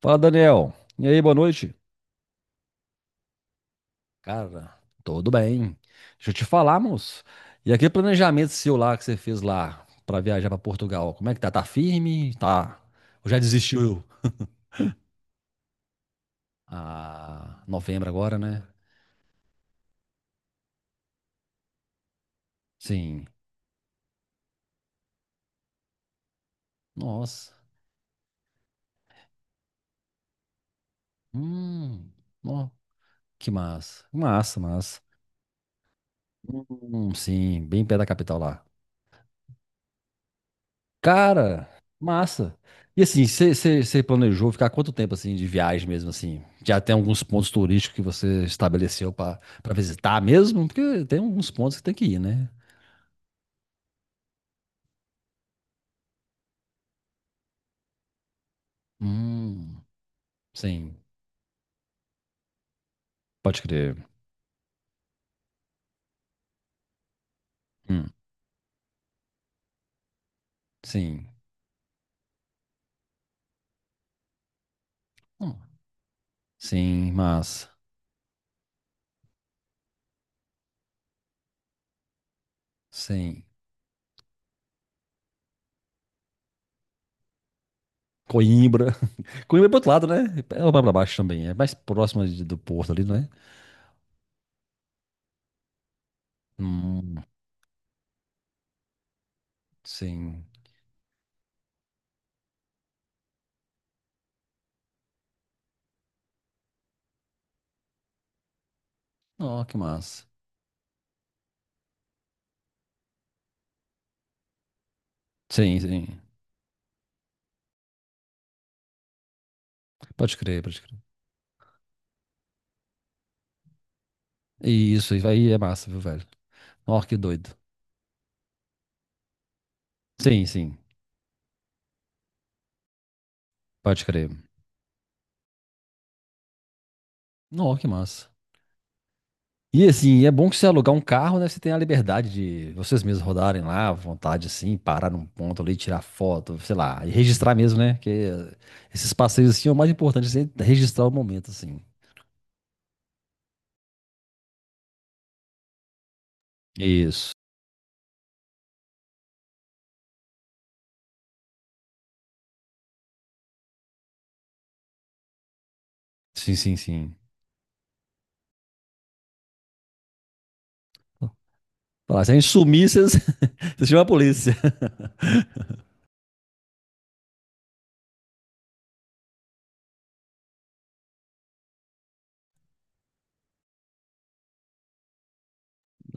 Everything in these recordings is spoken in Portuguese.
Fala, Daniel. E aí, boa noite? Cara, tudo bem. Deixa eu te falar, moço. E aquele planejamento seu lá que você fez lá pra viajar pra Portugal, como é que tá? Tá firme? Tá. Ou já desistiu? Ah, novembro agora, né? Sim. Nossa. Hum. Ó, que massa. Massa, massa. Sim, bem perto da capital lá. Cara, massa. E assim, você planejou ficar quanto tempo assim de viagem mesmo assim? Já tem alguns pontos turísticos que você estabeleceu para visitar mesmo? Porque tem alguns pontos que tem que ir, né? Hum, sim, pode crer. Hum, sim. Hum, sim, massa. Sim. Coimbra. Coimbra é pro outro lado, né? É lá pra baixo também. É mais próximo do porto ali, não é? Hum, sim. Ó, que massa. Sim, sim. Pode crer, pode crer. E isso aí é massa, viu, velho? Nossa, que doido. Sim, sim. Pode crer. Não, que massa. E assim, é bom que você alugar um carro, né? Você tem a liberdade de vocês mesmos rodarem lá, à vontade, assim, parar num ponto ali, tirar foto, sei lá, e registrar mesmo, né? Que esses passeios, assim, é o mais importante, você registrar o momento, assim. Isso. Sim, sim, sim. Falar, se a gente sumir, vocês, vocês chamam a polícia.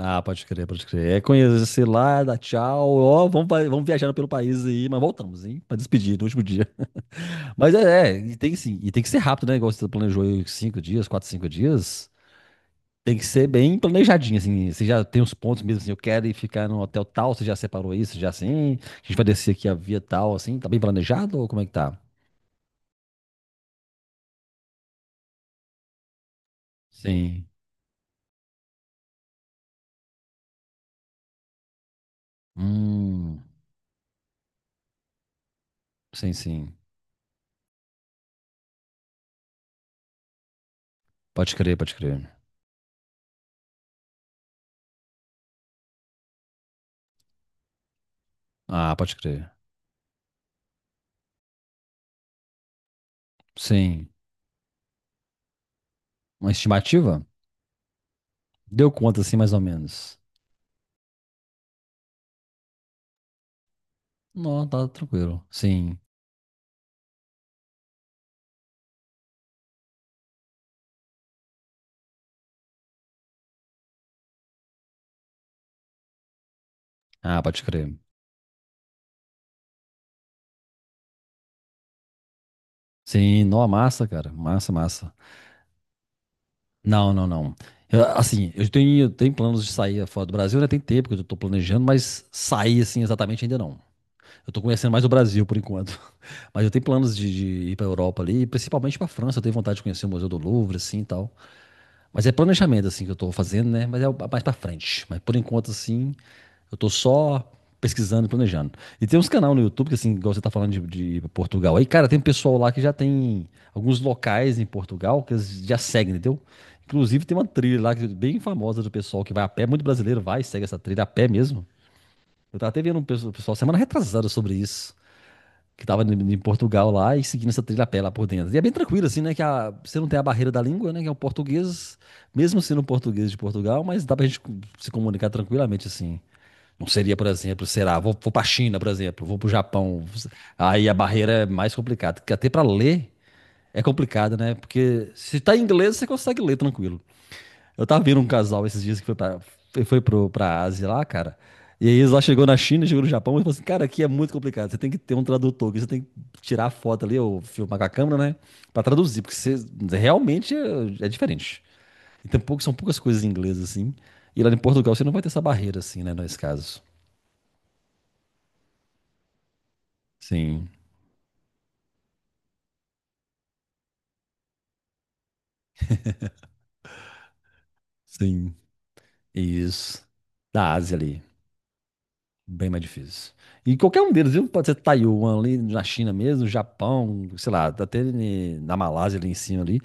Ah, pode crer, pode crer. É conhecer lá, dá tchau, ó, vamos, vamos viajando pelo país aí, mas voltamos, hein? Pra despedir no último dia. Mas é, e tem, sim, e tem que ser rápido, né? Igual você planejou aí cinco dias, quatro, cinco dias. Tem que ser bem planejadinho, assim. Você já tem os pontos mesmo, assim, eu quero ir ficar no hotel tal, você já separou isso, já assim. A gente vai descer aqui a via tal, assim. Tá bem planejado ou como é que tá? Sim. Hum, sim, sim. Pode crer, pode crer. Ah, pode crer. Sim. Uma estimativa? Deu conta, assim, mais ou menos. Não, tá tranquilo. Sim. Ah, pode crer. Sim, não, massa, cara. Massa, massa. Não, não, não. Eu, assim, eu tenho planos de sair fora do Brasil, né? Tem tempo que eu tô planejando, mas sair assim exatamente ainda não. Eu tô conhecendo mais o Brasil por enquanto. Mas eu tenho planos de ir pra Europa ali, principalmente pra França. Eu tenho vontade de conhecer o Museu do Louvre, assim e tal. Mas é planejamento, assim, que eu tô fazendo, né? Mas é mais pra frente. Mas por enquanto, assim, eu tô só pesquisando e planejando. E tem uns canal no YouTube, que assim, igual você tá falando de Portugal. Aí, cara, tem um pessoal lá que já tem alguns locais em Portugal que eles já seguem, entendeu? Inclusive tem uma trilha lá é bem famosa do pessoal que vai a pé, muito brasileiro vai e segue essa trilha a pé mesmo. Eu tava até vendo um pessoal semana retrasada sobre isso, que tava em Portugal lá e seguindo essa trilha a pé lá por dentro. E é bem tranquilo assim, né, que você não tem a barreira da língua, né, que é o português, mesmo sendo um português de Portugal, mas dá pra gente se comunicar tranquilamente assim. Não seria, por exemplo, será, vou para a China, por exemplo, vou para o Japão. Aí a barreira é mais complicada, porque até para ler é complicado, né? Porque se tá em inglês, você consegue ler tranquilo. Eu tava vendo um casal esses dias que foi pra, foi pro, pra Ásia lá, cara. E aí eles lá chegou na China, chegou no Japão e falou assim, cara, aqui é muito complicado. Você tem que ter um tradutor, que você tem que tirar a foto ali, ou filmar com a câmera, né? Pra traduzir, porque você realmente é diferente. E tem pouco, são poucas coisas em inglês, assim. E lá em Portugal você não vai ter essa barreira, assim, né, nesse caso. Sim, sim. Isso. Da Ásia ali. Bem mais difícil. E qualquer um deles, viu? Pode ser Taiwan ali na China mesmo, Japão, sei lá, até na Malásia ali em cima ali.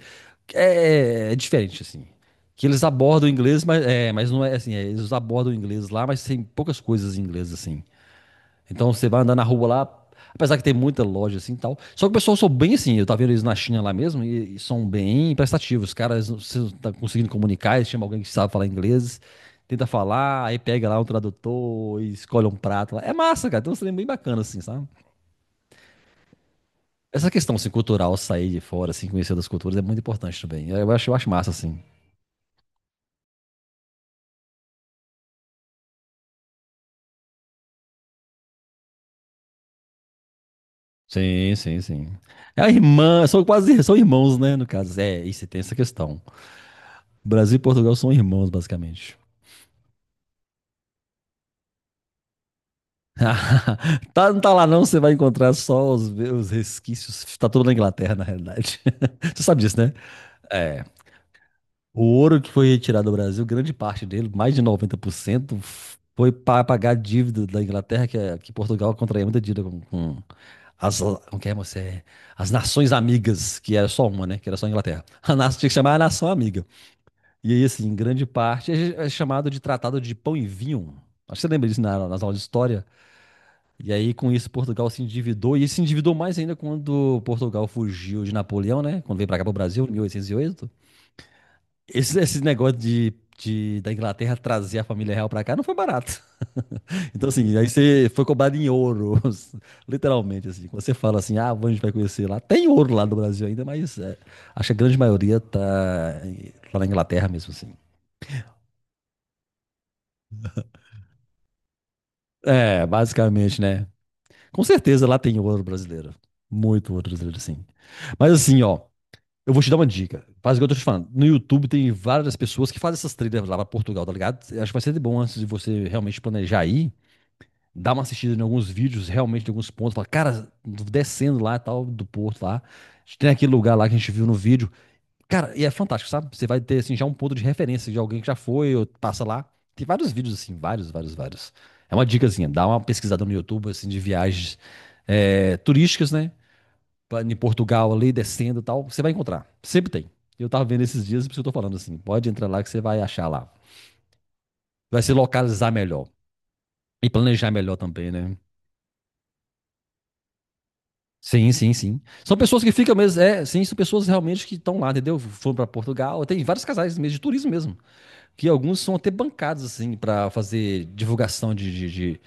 É, diferente, assim. Que eles abordam o inglês, mas, é, mas não é assim. É, eles abordam o inglês lá, mas tem poucas coisas em inglês, assim. Então você vai andar na rua lá, apesar que tem muita loja assim e tal. Só que o pessoal são bem assim, eu tava vendo eles na China lá mesmo, e são bem prestativos. Os caras estão conseguindo comunicar, eles chamam alguém que sabe falar inglês, tenta falar, aí pega lá um tradutor e escolhe um prato lá. É massa, cara, tem um trem bem bacana assim, sabe? Essa questão assim, cultural, sair de fora, assim, conhecer das culturas é muito importante também. Eu acho massa, assim. Sim, sim, sim. É a irmã, são quase, são irmãos, né, no caso. É, e você tem essa questão. Brasil e Portugal são irmãos, basicamente. Tá, não tá lá não, você vai encontrar só os resquícios. Tá tudo na Inglaterra, na realidade. Você sabe disso, né? É. O ouro que foi retirado do Brasil, grande parte dele, mais de 90% foi para pagar a dívida da Inglaterra, que, que Portugal contraía muita dívida com as, como que é, moça? É, as nações amigas, que era só uma, né? Que era só a Inglaterra. A nação tinha que chamar a nação amiga. E aí, assim, grande parte é chamado de Tratado de Pão e Vinho. Acho que você lembra disso nas aulas de história. E aí, com isso, Portugal se endividou, e se endividou mais ainda quando Portugal fugiu de Napoleão, né? Quando veio pra cá pro Brasil, em 1808. Esse negócio da Inglaterra trazer a família real pra cá não foi barato. Então, assim, aí você foi cobrado em ouro, literalmente, assim. Quando você fala assim, ah, a vai conhecer lá. Tem ouro lá no Brasil ainda, mas é, acho que a grande maioria tá na Inglaterra mesmo, assim. É, basicamente, né? Com certeza lá tem ouro brasileiro. Muito ouro brasileiro, sim. Mas assim, ó, eu vou te dar uma dica. Faz igual eu tô te falando. No YouTube tem várias pessoas que fazem essas trilhas lá pra Portugal, tá ligado? Eu acho que vai ser bom antes de você realmente planejar ir. Dar uma assistida em alguns vídeos, realmente, em alguns pontos. Fala, cara, descendo lá e tal, do porto lá. Tem aquele lugar lá que a gente viu no vídeo. Cara, e é fantástico, sabe? Você vai ter, assim, já um ponto de referência de alguém que já foi ou passa lá. Tem vários vídeos, assim, vários, vários, vários. É uma dicazinha. Dá uma pesquisada no YouTube, assim, de viagens é, turísticas, né? Em Portugal ali, descendo e tal, você vai encontrar. Sempre tem. Eu tava vendo esses dias, por isso que eu tô falando assim. Pode entrar lá que você vai achar lá. Vai se localizar melhor. E planejar melhor também, né? Sim, sim, sim. São pessoas que ficam mesmo. É, sim, são pessoas realmente que estão lá, entendeu? Foram pra Portugal. Tem vários casais mesmo, de turismo mesmo. Que alguns são até bancados, assim, para fazer divulgação.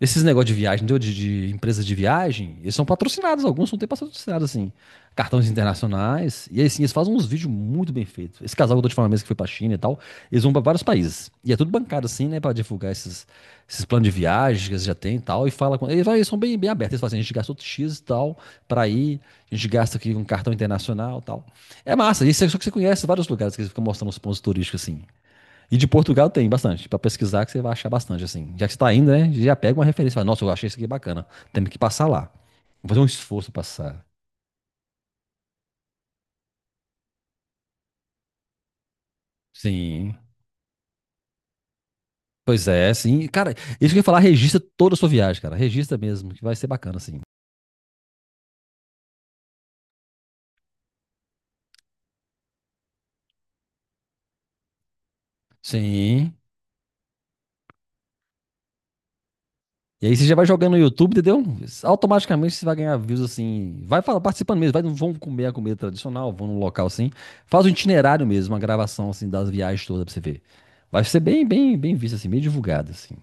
Esses negócios de viagem, entendeu? De empresas de viagem, eles são patrocinados, alguns são até patrocinados, assim. Cartões internacionais. E aí, assim, eles fazem uns vídeos muito bem feitos. Esse casal que eu tô te falando mesmo que foi pra China e tal, eles vão pra vários países. E é tudo bancado, assim, né? Pra divulgar esses planos de viagem que eles já têm e tal. E fala com. Eles são bem, bem abertos. Eles falam assim, a gente gastou X e tal pra ir, a gente gasta aqui um cartão internacional e tal. É massa, isso é só que você conhece vários lugares que eles ficam mostrando os pontos turísticos assim. E de Portugal tem bastante, para pesquisar que você vai achar bastante, assim. Já que você tá indo, né, já pega uma referência, fala, nossa, eu achei isso aqui bacana, temos que passar lá. Vou fazer um esforço pra passar. Sim, pois é, sim. Cara, isso que eu ia falar, registra toda a sua viagem, cara, registra mesmo, que vai ser bacana, assim. Sim. E aí você já vai jogando no YouTube, entendeu? Automaticamente você vai ganhar views, assim, vai fala, participando mesmo, vai, vão comer a comida tradicional, vão num local, assim, faz um itinerário mesmo, uma gravação, assim, das viagens todas pra você ver. Vai ser bem, bem, bem visto, assim, bem divulgado, assim.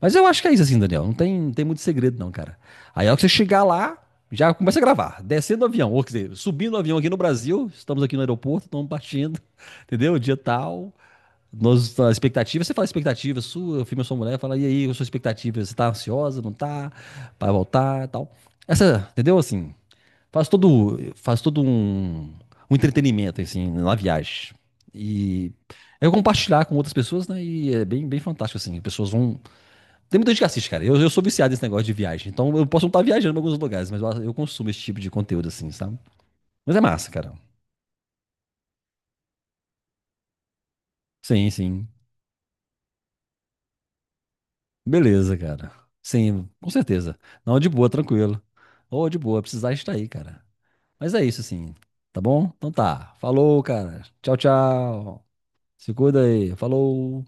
Mas eu acho que é isso assim, Daniel. Não tem muito segredo, não, cara. Aí, a hora que você chegar lá, já começa a gravar. Descendo do avião, ou quer dizer, subindo do avião aqui no Brasil, estamos aqui no aeroporto, estamos partindo, entendeu? Dia tal. Nós, tá, a expectativa, você fala a expectativa sua, eu filho, sua mulher, fala, e aí, a sua expectativa? Você tá ansiosa, não tá? Vai voltar e tal. Essa, entendeu? Assim, faz todo um entretenimento, assim, na viagem. E é compartilhar com outras pessoas, né? E é bem, bem fantástico, assim. As pessoas vão, tem muita gente que assiste, cara. Eu sou viciado nesse negócio de viagem. Então eu posso não estar viajando em alguns lugares, mas eu consumo esse tipo de conteúdo, assim, sabe? Mas é massa, cara. Sim, sim. Beleza, cara. Sim, com certeza. Não, de boa, tranquilo. Ô, de boa, precisar estar aí, cara. Mas é isso, assim. Tá bom? Então tá. Falou, cara. Tchau, tchau. Se cuida aí. Falou.